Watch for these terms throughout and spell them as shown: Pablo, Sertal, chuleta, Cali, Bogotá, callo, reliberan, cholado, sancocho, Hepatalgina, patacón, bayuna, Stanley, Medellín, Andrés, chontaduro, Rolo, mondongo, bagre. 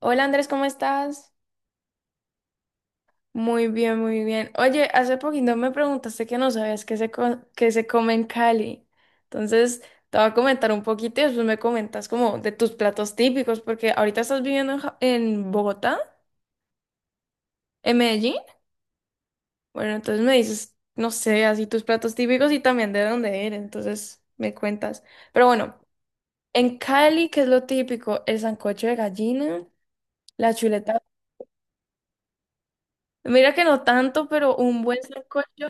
Hola Andrés, ¿cómo estás? Muy bien, muy bien. Oye, hace poquito me preguntaste que no sabías qué se come en Cali. Entonces, te voy a comentar un poquito y después me comentas como de tus platos típicos, porque ahorita estás viviendo en, en Bogotá, en Medellín. Bueno, entonces me dices, no sé, así tus platos típicos y también de dónde eres. Entonces, me cuentas. Pero bueno, en Cali, ¿qué es lo típico? El sancocho de gallina, la chuleta. Mira que no tanto, pero un buen sancocho.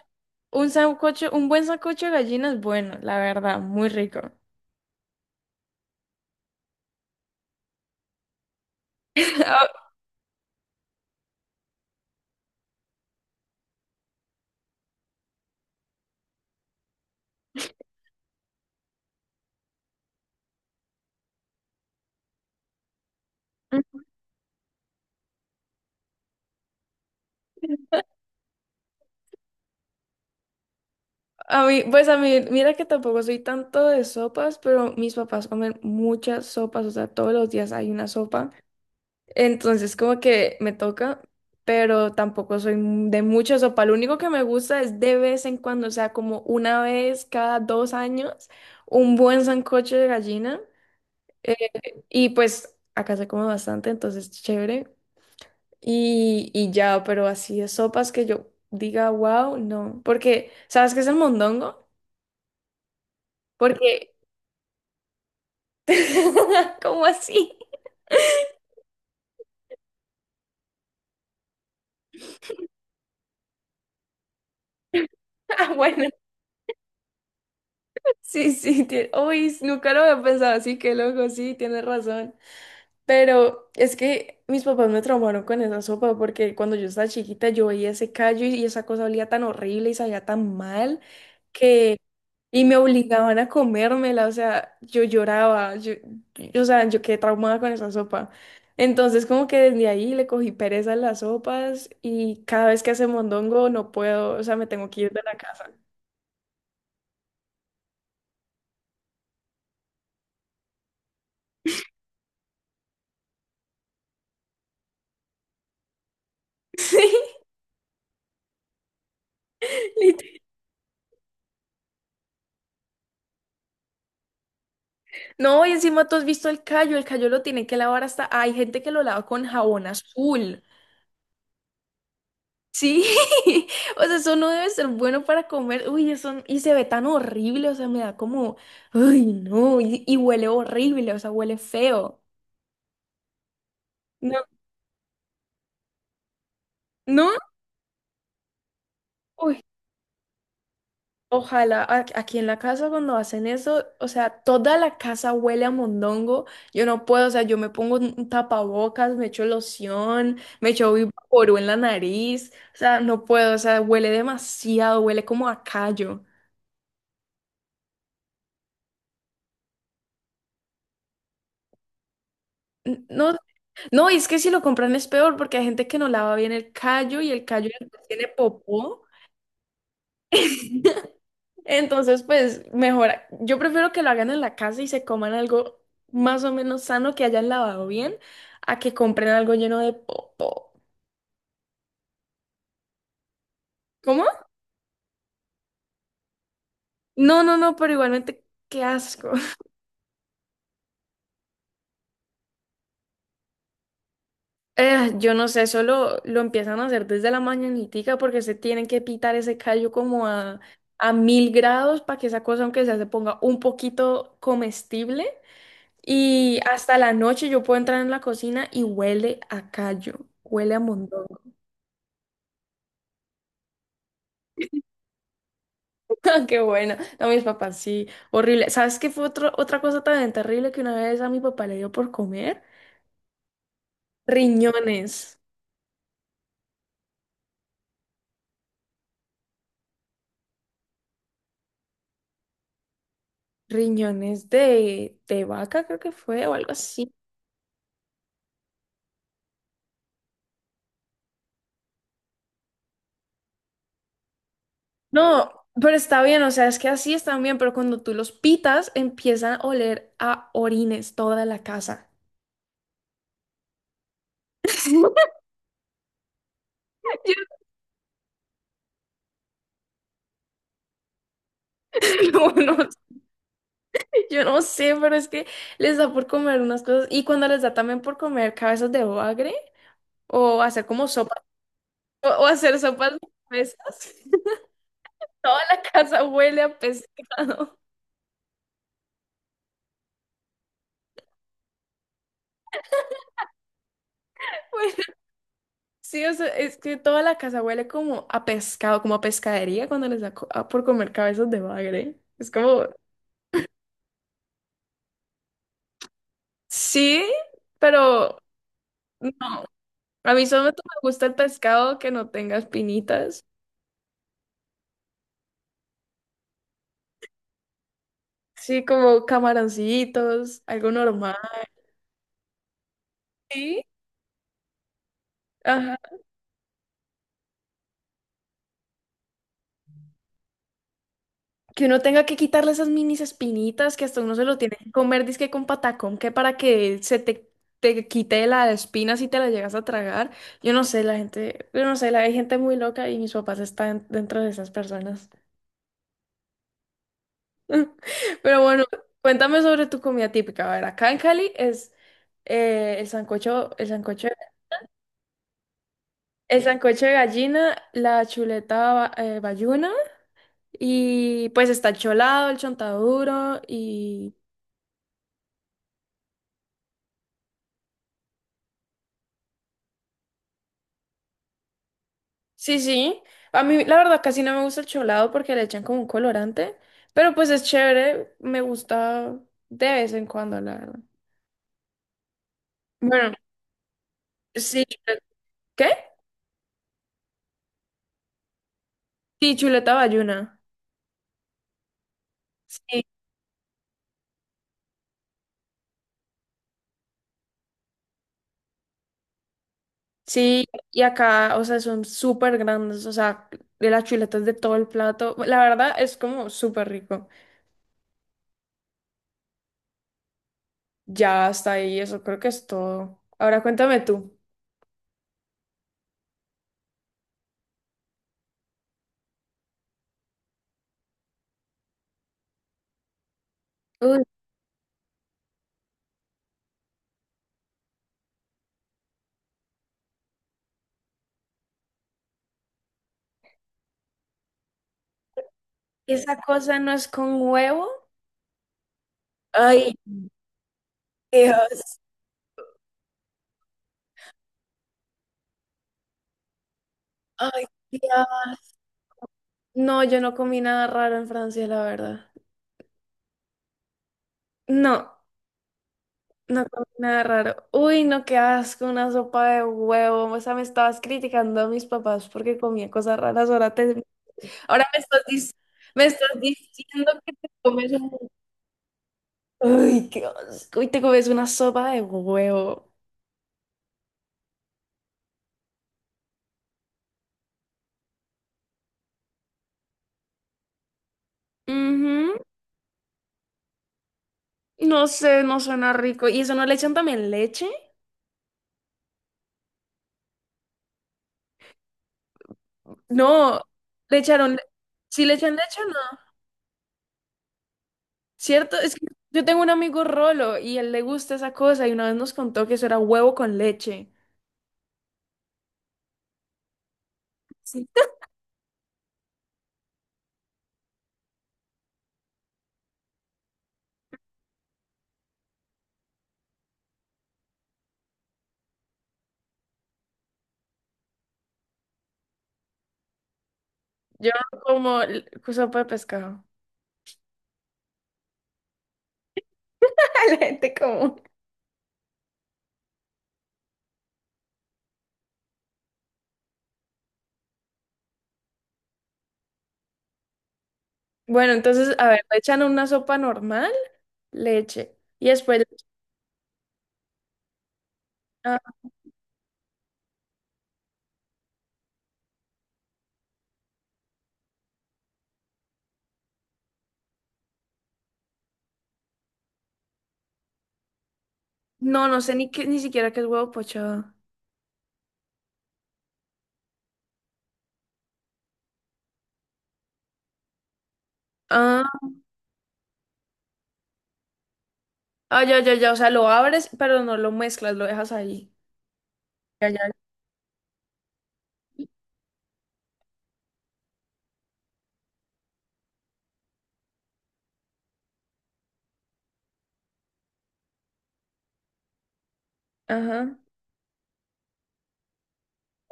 Un sancocho, un buen sancocho de gallina es bueno, la verdad, muy rico. A a mí, pues a mí, mira que tampoco soy tanto de sopas, pero mis papás comen muchas sopas, o sea, todos los días hay una sopa. Entonces, como que me toca, pero tampoco de mucha sopa. Lo único que me gusta es de vez en cuando, o sea, como una vez cada dos años, un buen sancocho de gallina. eh, Y pues acá se come bastante, entonces chévere. Y ya, pero así de sopas que yo diga, wow, no. Porque, ¿sabes qué es el mondongo? Porque, ¿cómo así? Ah, bueno, sí, sí, uy, nunca lo había pensado así, qué loco, sí, tienes razón. Pero es que mis papás me traumaron con esa sopa porque cuando yo estaba chiquita yo veía ese callo y esa cosa olía tan horrible y sabía tan mal que... Y me obligaban a comérmela, o sea, yo lloraba, yo, o sea, yo quedé traumada con esa sopa. Entonces como que desde ahí le cogí pereza a las sopas y cada vez que hace mondongo no puedo, o sea, me tengo que ir de la casa. Lit- No, y encima tú has visto el callo lo tienen que lavar hasta, hay gente que lo lava con jabón azul. Sí, o sea, eso no debe ser bueno para comer. Uy, eso, y se ve tan horrible, o sea, me da como, ay, no, y huele horrible, o sea, huele feo. No, no, uy, ojalá aquí en la casa cuando hacen eso, o sea, toda la casa huele a mondongo. Yo no puedo, o sea, yo me pongo un tapabocas, me echo loción, me echo vaporú en la nariz, o sea, no puedo, o sea, huele demasiado, huele como a callo. N- No No, y es que si lo compran es peor porque hay gente que no lava bien el callo y el callo después tiene popó. Entonces, pues mejor. Yo prefiero que lo hagan en la casa y se coman algo más o menos sano que hayan lavado bien a que compren algo lleno de popó. ¿Cómo? No, no, no, pero igualmente, qué asco. Yo no sé, solo lo empiezan a hacer desde la mañanitica porque se tienen que pitar ese callo como a mil grados para que esa cosa, aunque sea, se ponga un poquito comestible. Y hasta la noche yo puedo entrar en la cocina y huele a callo, huele a mondongo. Qué buena. No, mis papás, sí, horrible. ¿Sabes qué fue otra cosa tan terrible que una vez a mi papá le dio por comer? Riñones, riñones de vaca creo que fue o algo así. No, pero está bien, o sea, es que así están bien, pero cuando tú los pitas empiezan a oler a orines toda la casa. Yo te lo juro. Yo no sé, pero es que les da por comer unas cosas. Y cuando les da también por comer cabezas de bagre, o hacer como sopa, o hacer sopas de cabezas, toda la casa huele a pescado. Bueno, sí, o sea, es que toda la casa huele como a pescado, como a pescadería cuando les da por comer cabezas de bagre. Es como, sí, pero no, a mí solo me gusta el pescado que no tenga espinitas. Sí, como camaroncitos, algo normal. Sí. Ajá. Que uno tenga que quitarle esas minis espinitas que hasta uno se lo tiene que comer, dizque con patacón, que para que se te, te quite la espina si te la llegas a tragar. Yo no sé, la gente, yo no sé, la, hay gente muy loca y mis papás están dentro de esas personas. Pero bueno, cuéntame sobre tu comida típica. A ver, acá en Cali es el sancocho, el sancocho, el sancocho de gallina, la chuleta bayuna y pues está el cholado, el chontaduro y sí, sí. A mí, la verdad, casi no me gusta el cholado porque le echan como un colorante, pero pues es chévere, me gusta de vez en cuando, la verdad. Bueno, sí, ¿qué? Sí, chuleta bayuna. Sí, sí, y acá, o sea, son súper grandes, o sea, de las chuletas de todo el plato. La verdad es como súper rico. Ya hasta ahí, eso creo que es todo. Ahora cuéntame tú. Uy, ¿esa cosa no es con huevo? Ay, Dios. Ay, Dios. No, yo no comí nada raro en Francia, la verdad. No, no comí nada raro. Uy, no, qué asco, una sopa de huevo. O sea, me estabas criticando a mis papás porque comía cosas raras. Ahora, ahora me estás, me estás diciendo que te comes un... Uy, qué asco. Y te comes una sopa de huevo. Ujú. No sé, no suena rico. ¿Y eso no le echan también leche? No, le echaron... le- ¿Sí le echan leche o no? ¿Cierto? Es que yo tengo un amigo Rolo y él le gusta esa cosa y una vez nos contó que eso era huevo con leche. Sí. Yo como l- sopa de pescado. La gente común. Bueno, entonces, a ver, le echan una sopa normal, leche. Y después, ah, no, no sé ni qué, ni siquiera qué es huevo pochado. Ah, ah, ya, ya, ya. O sea, lo abres, pero no lo mezclas, lo dejas ahí. Ya, ya. Ajá.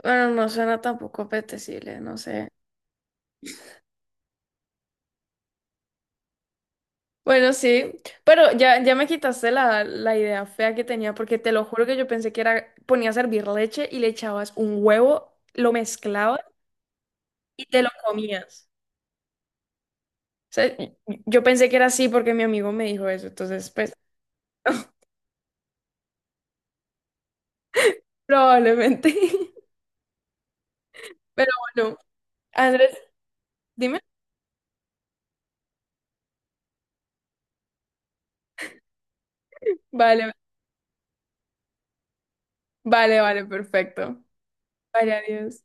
Bueno, no suena tampoco apetecible, no sé. Bueno, sí, pero ya, ya me quitaste la, la idea fea que tenía, porque te lo juro que yo pensé que era, ponías a hervir leche y le echabas un huevo, lo mezclabas y te lo comías. O sea, yo pensé que era así porque mi amigo me dijo eso, entonces, pues, probablemente. Pero bueno, Andrés, dime. Vale, vale, vale, perfecto. Vale, adiós.